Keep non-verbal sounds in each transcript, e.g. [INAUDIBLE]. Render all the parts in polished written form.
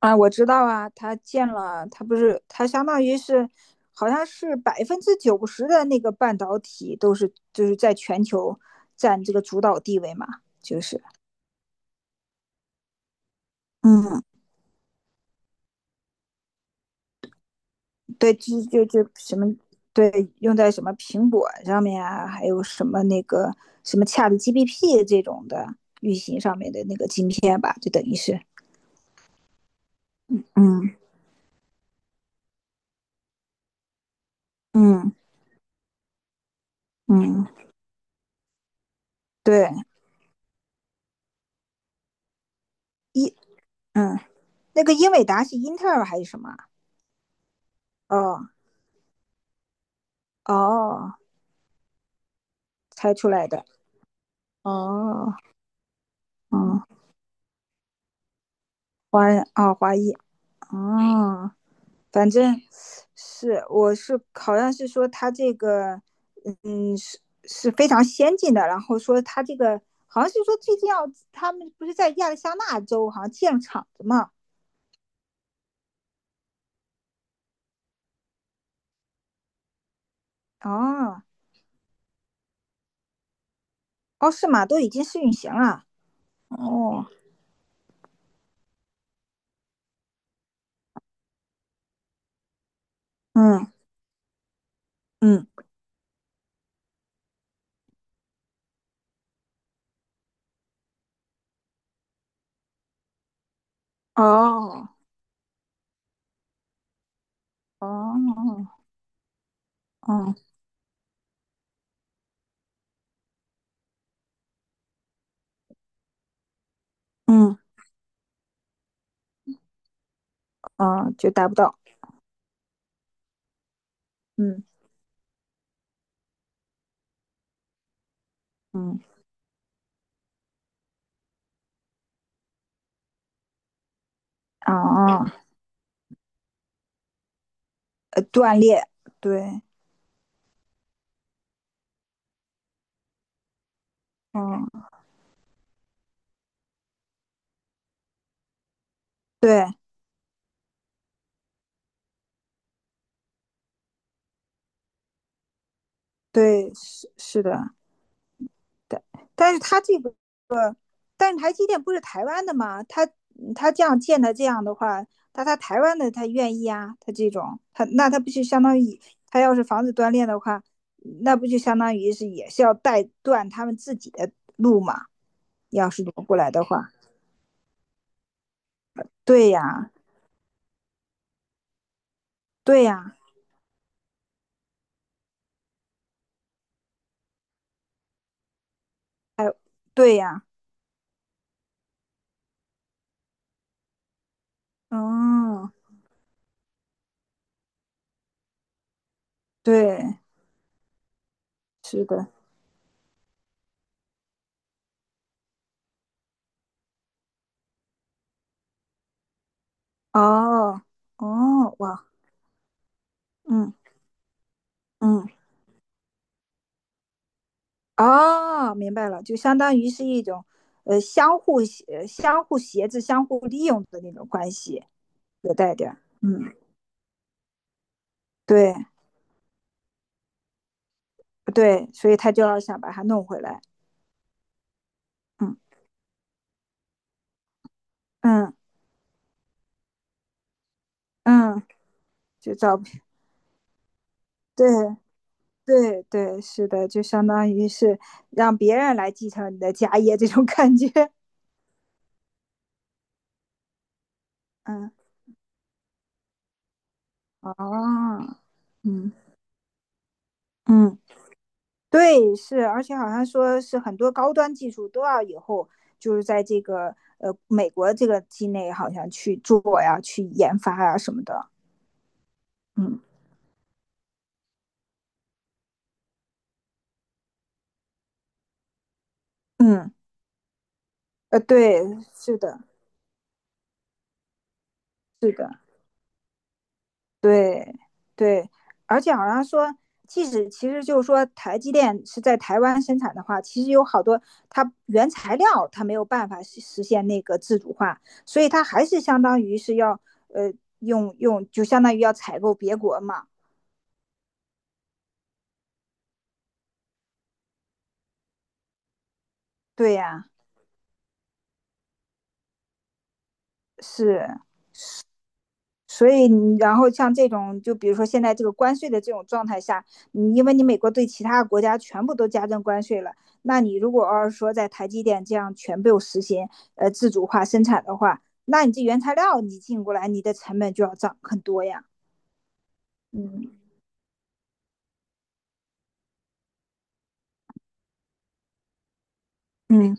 啊，我知道啊，他建了，他不是，他相当于是，好像是90%的那个半导体都是就是在全球占这个主导地位嘛，就是，嗯，对，就什么，对，用在什么苹果上面啊，还有什么那个什么 ChatGPT 这种的运行上面的那个晶片吧，就等于是，嗯嗯嗯，对，一，嗯，那个英伟达是英特尔还是什么啊，哦哦。猜出来的。哦，嗯，华人啊，华裔，哦，反正是我是好像是说他这个，嗯，是非常先进的，然后说他这个好像是说最近要他们不是在亚利桑那州好像建厂子嘛？哦，哦是吗？都已经试运行了。哦，嗯嗯，哦哦哦嗯哦，就达不到。嗯嗯，哦，断裂，对，嗯，对对，是的，但但是他这个，但是台积电不是台湾的吗？他这样建的这样的话，那他台湾的他愿意啊，他这种他那他不就相当于他要是房子断裂的话，那不就相当于是也是要带断他们自己的路嘛？要是挪过来的话，对呀，对呀，对呀，嗯，对，是的，哦哦，哇，嗯嗯。哦，明白了，就相当于是一种，相互协、相互挟制、相互利用的那种关系，有带点儿，嗯，对对，所以他就要想把它弄回来，嗯嗯嗯，就找，[LAUGHS] 对对对，是的，就相当于是让别人来继承你的家业这种感觉，[LAUGHS] 嗯，哦，嗯嗯。对，是，而且好像说是很多高端技术都要以后就是在这个美国这个境内好像去做呀、去研发呀什么的。嗯嗯，对，是的，是的，对对，而且好像说，即使其实就是说台积电是在台湾生产的话，其实有好多它原材料它没有办法实现那个自主化，所以它还是相当于是要呃用就相当于要采购别国嘛。对呀、是，所以你然后像这种，就比如说现在这个关税的这种状态下，你因为你美国对其他国家全部都加征关税了，那你如果要是说在台积电这样全部实行自主化生产的话，那你这原材料你进过来，你的成本就要涨很多呀。嗯嗯，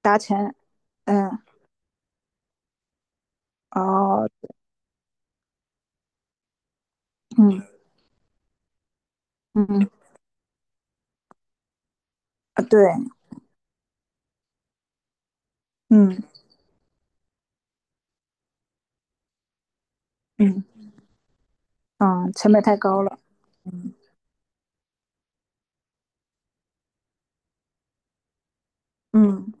达成，嗯哦，嗯嗯啊对，嗯嗯嗯，成本太高了。嗯嗯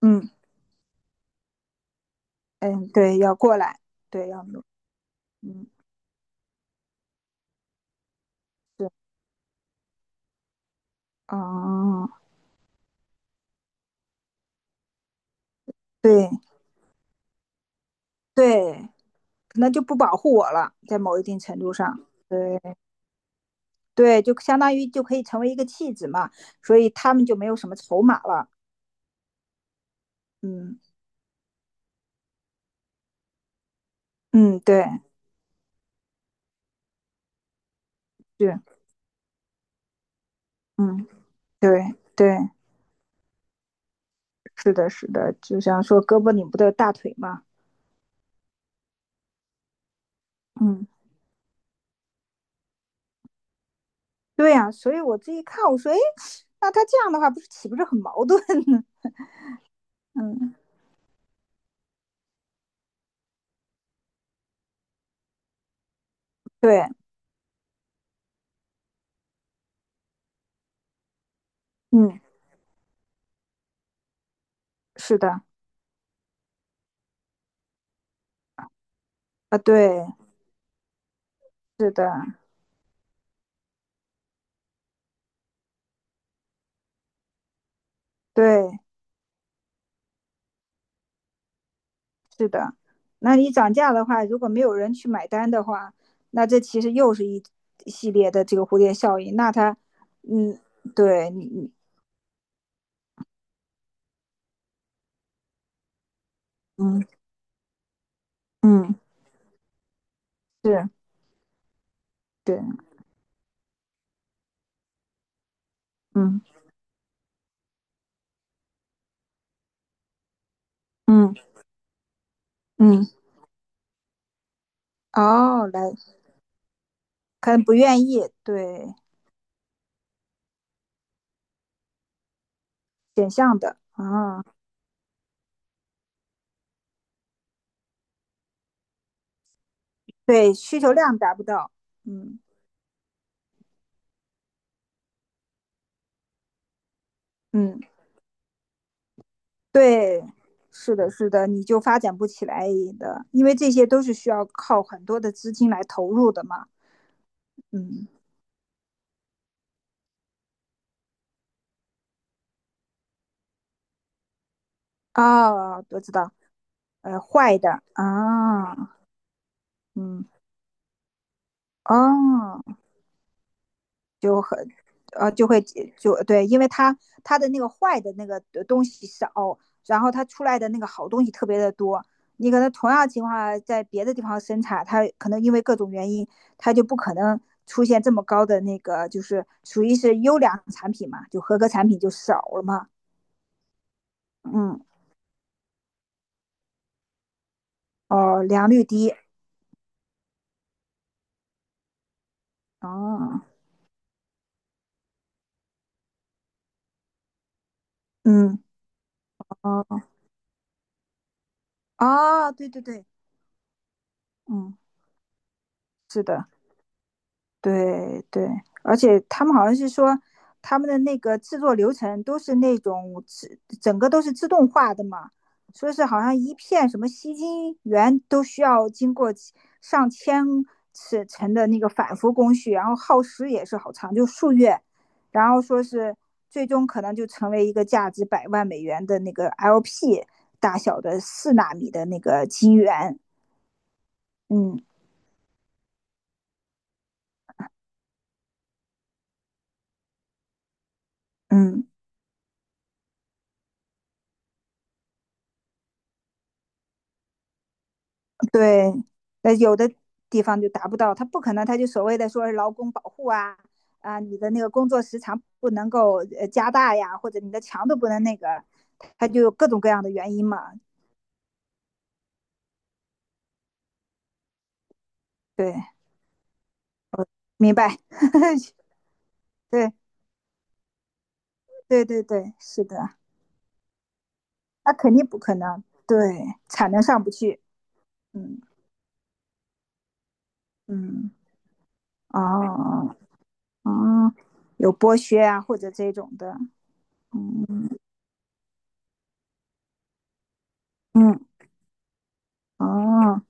嗯嗯，对，要过来，对，要嗯。哦，对对，那就不保护我了，在某一定程度上，对对，就相当于就可以成为一个弃子嘛，所以他们就没有什么筹码了。嗯嗯，对，对嗯对对，是的，是的，就像说胳膊拧不得大腿嘛，嗯，对呀、所以我自己看，我说，哎，那他这样的话，不是岂不是很矛盾呢？ [LAUGHS] 嗯，对，嗯，是的，啊，对，是的，对，是的，那你涨价的话，如果没有人去买单的话，那这其实又是一系列的这个蝴蝶效应。那它，嗯，对你，你，嗯嗯，是，对，嗯嗯嗯，哦，来，可能不愿意，对，选项的啊，对，需求量达不到，嗯嗯，对，是的，是的，你就发展不起来的，因为这些都是需要靠很多的资金来投入的嘛，嗯，哦，我知道，坏的啊，嗯哦，啊就会就对，因为它的那个坏的那个东西少，然后它出来的那个好东西特别的多。你可能同样情况下在别的地方生产，它可能因为各种原因，它就不可能出现这么高的那个，就是属于是优良产品嘛，就合格产品就少了嘛。嗯，哦，良率低，哦，嗯，哦，哦，对对对，嗯，是的。对对，而且他们好像是说，他们的那个制作流程都是那种自整个都是自动化的嘛，说是好像一片什么吸金源都需要经过上千次层的那个反复工序，然后耗时也是好长，就数月，然后说是最终可能就成为一个价值100万美元的那个 LP 大小的4纳米的那个晶圆，嗯嗯，对，那有的地方就达不到，他不可能，他就所谓的说是劳工保护啊，啊，你的那个工作时长不能够加大呀，或者你的强度不能那个，他就有各种各样的原因嘛。对，明白，[LAUGHS] 对，对对对，是的，那肯定不可能，对，产能上不去，嗯嗯，哦哦，有剥削啊，或者这种的，嗯嗯哦。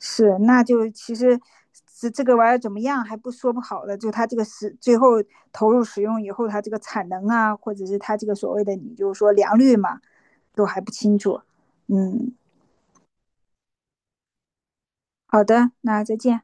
是，那就其实这个玩意儿怎么样还不说不好的，就它这个是最后投入使用以后，它这个产能啊，或者是它这个所谓的你就是说良率嘛，都还不清楚。嗯，好的，那再见。